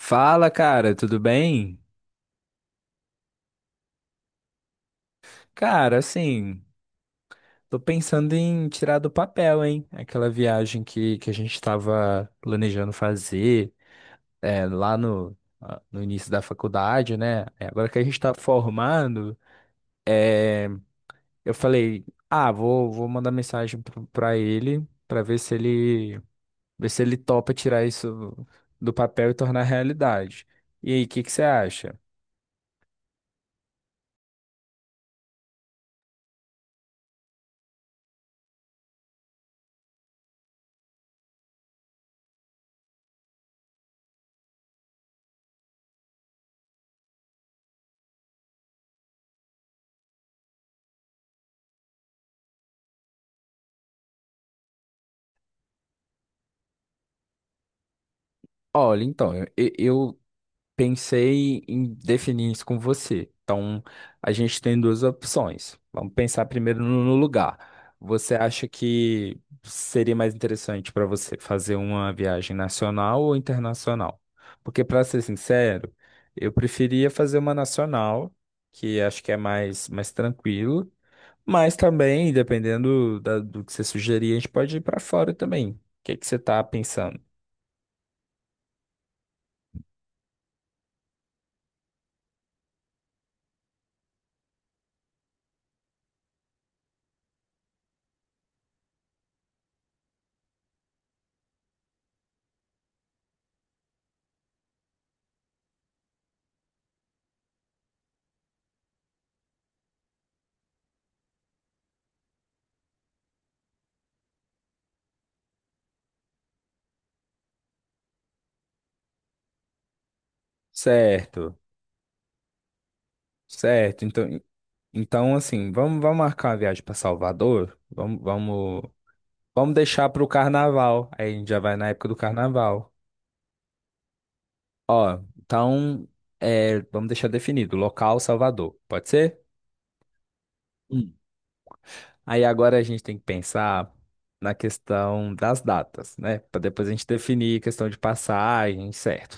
Fala, cara, tudo bem? Cara, assim, tô pensando em tirar do papel, hein? Aquela viagem que a gente tava planejando fazer lá no início da faculdade, né? Agora que a gente tá formando, é, eu falei, ah, vou mandar mensagem pra ele pra ver se ele topa tirar isso do papel e tornar realidade. E aí, o que que você acha? Olha, então, eu pensei em definir isso com você. Então, a gente tem duas opções. Vamos pensar primeiro no lugar. Você acha que seria mais interessante para você fazer uma viagem nacional ou internacional? Porque, para ser sincero, eu preferia fazer uma nacional, que acho que é mais tranquilo. Mas também, dependendo do que você sugerir, a gente pode ir para fora também. O que que você está pensando? Certo, certo. Então, assim, vamos marcar uma viagem para Salvador? Vamos deixar para o carnaval. Aí a gente já vai na época do carnaval. Ó, então, é, vamos deixar definido, local Salvador, pode ser? Hum. Aí agora a gente tem que pensar na questão das datas, né? Para depois a gente definir questão de passagem, certo?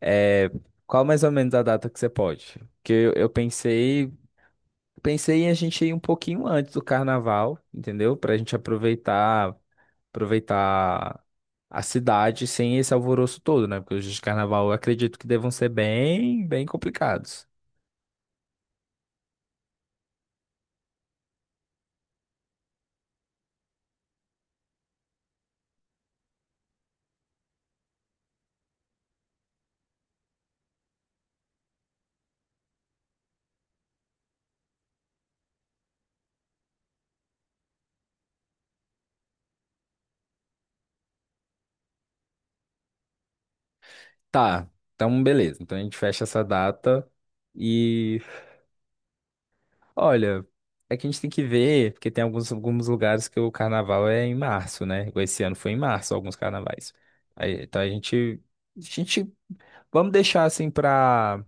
É, qual mais ou menos a data que você pode? Porque eu pensei em a gente ir um pouquinho antes do carnaval, entendeu? Para a gente aproveitar a cidade sem esse alvoroço todo, né? Porque os dias de carnaval eu acredito que devam ser bem complicados. Tá, então beleza. Então a gente fecha essa data e olha, é que a gente tem que ver, porque tem alguns lugares que o carnaval é em março, né? Igual esse ano foi em março alguns carnavais. Aí, então a gente, vamos deixar assim pra.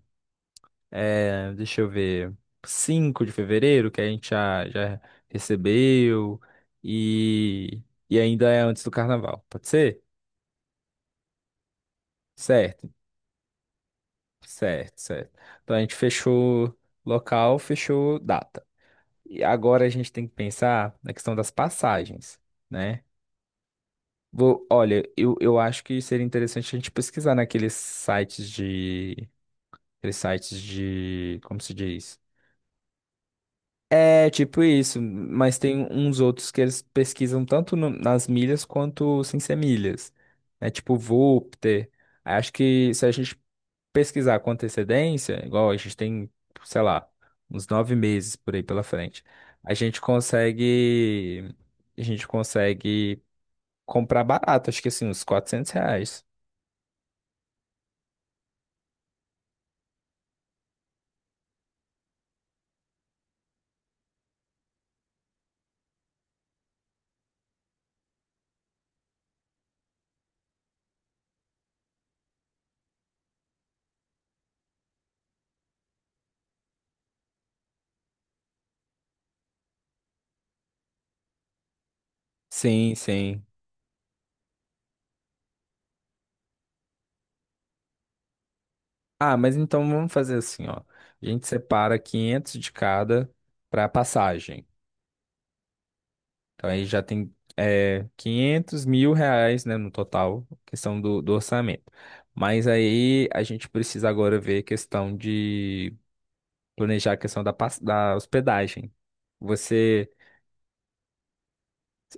É, deixa eu ver. Cinco de fevereiro, que a gente já recebeu. E, e ainda é antes do carnaval. Pode ser? Certo, certo. Então a gente fechou local, fechou data. E agora a gente tem que pensar na questão das passagens, né? Vou, olha, eu acho que seria interessante a gente pesquisar naqueles sites de. Aqueles sites de. Como se diz? É tipo isso, mas tem uns outros que eles pesquisam tanto nas milhas quanto sem ser milhas. É tipo Voopter. Acho que se a gente pesquisar com antecedência, igual a gente tem, sei lá, uns nove meses por aí pela frente, a gente consegue, a gente consegue comprar barato, acho que assim, uns 400 reais. Sim, sim. Ah, mas então vamos fazer assim, ó. A gente separa 500 de cada para passagem. Então aí já tem é, 500 mil reais, né, no total, questão do orçamento. Mas aí a gente precisa agora ver a questão de planejar a questão da, da hospedagem. Você,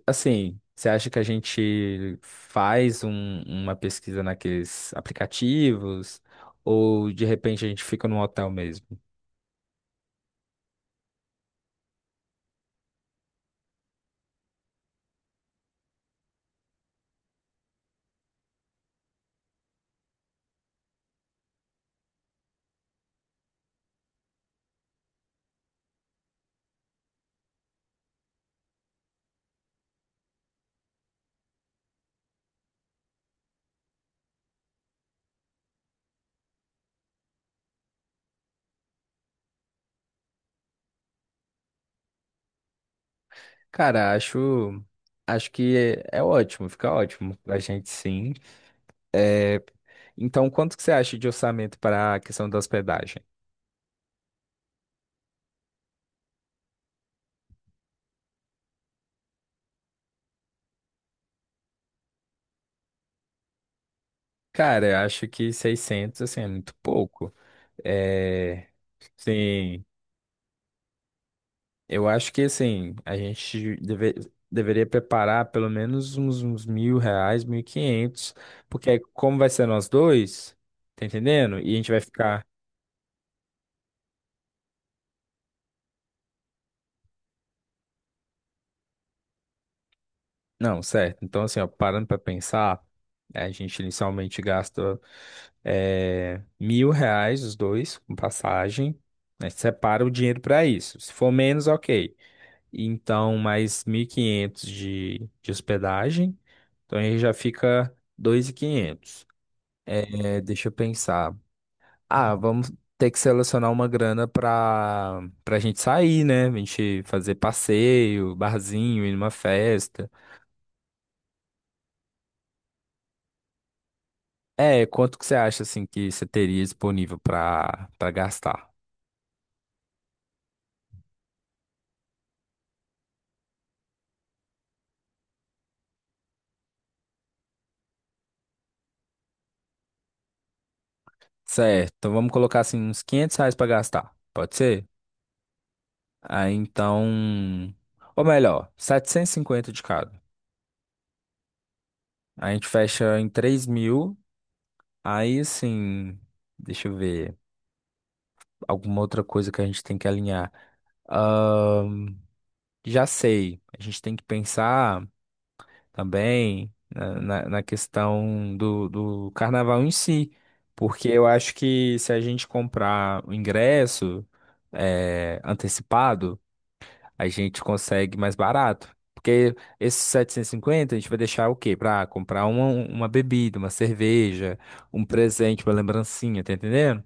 assim, você acha que a gente faz uma pesquisa naqueles aplicativos ou de repente a gente fica num hotel mesmo? Cara, acho que é ótimo, fica ótimo pra gente sim. É, então, quanto que você acha de orçamento para a questão da hospedagem? Cara, eu acho que 600 assim, é muito pouco. É, sim, eu acho que, assim, deveria preparar pelo menos uns 1.000 reais, mil e quinhentos, porque aí como vai ser nós dois, tá entendendo? E a gente vai ficar... Não, certo. Então, assim, ó, parando para pensar, é, a gente inicialmente gasta 1.000 reais os dois com passagem, né? Separa o dinheiro para isso. Se for menos, ok. Então, mais 1.500 de hospedagem. Então, aí já fica 2.500. Deixa eu pensar. Ah, vamos ter que selecionar uma grana para a gente sair, né? A gente fazer passeio, barzinho, ir numa festa. É, quanto que você acha assim que você teria disponível para gastar? Certo, então vamos colocar assim uns 500 reais para gastar, pode ser? Aí então, ou melhor, 750 de cada. A gente fecha em 3.000, aí assim, deixa eu ver, alguma outra coisa que a gente tem que alinhar. Ahn, já sei, a gente tem que pensar. Também na questão do carnaval em si, porque eu acho que se a gente comprar o ingresso antecipado, a gente consegue mais barato. Porque esses 750 a gente vai deixar o quê? Para comprar uma bebida, uma cerveja, um presente, uma lembrancinha, tá entendendo?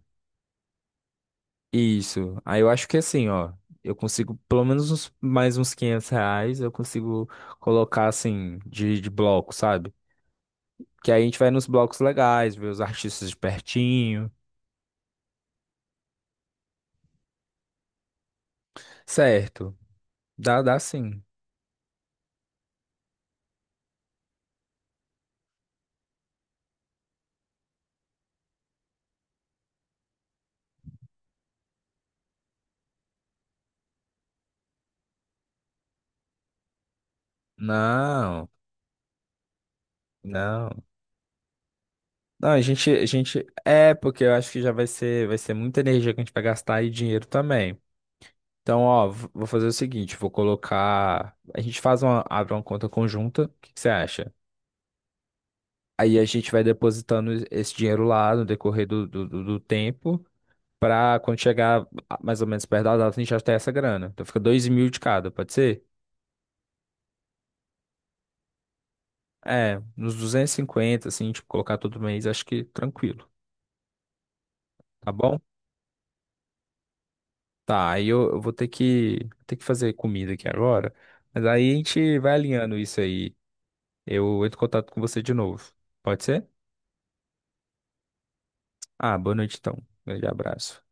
Isso. Aí eu acho que assim, ó, eu consigo pelo menos mais uns 500 reais, eu consigo colocar assim de bloco, sabe? Que aí a gente vai nos blocos legais, ver os artistas de pertinho. Certo. Dá, dá sim. Não, não. Não, a gente. É, porque eu acho que vai ser muita energia que a gente vai gastar e dinheiro também. Então, ó, vou fazer o seguinte, vou colocar. A gente faz uma, abre uma conta conjunta. O que que você acha? Aí a gente vai depositando esse dinheiro lá no decorrer do tempo. Pra quando chegar mais ou menos perto da data, a gente já ter essa grana. Então fica 2.000 de cada, pode ser? É, nos 250, assim, tipo, colocar todo mês, acho que tranquilo, tá bom? Tá, aí eu vou ter ter que fazer comida aqui agora, mas aí a gente vai alinhando isso aí. Eu entro em contato com você de novo, pode ser? Ah, boa noite então. Grande abraço.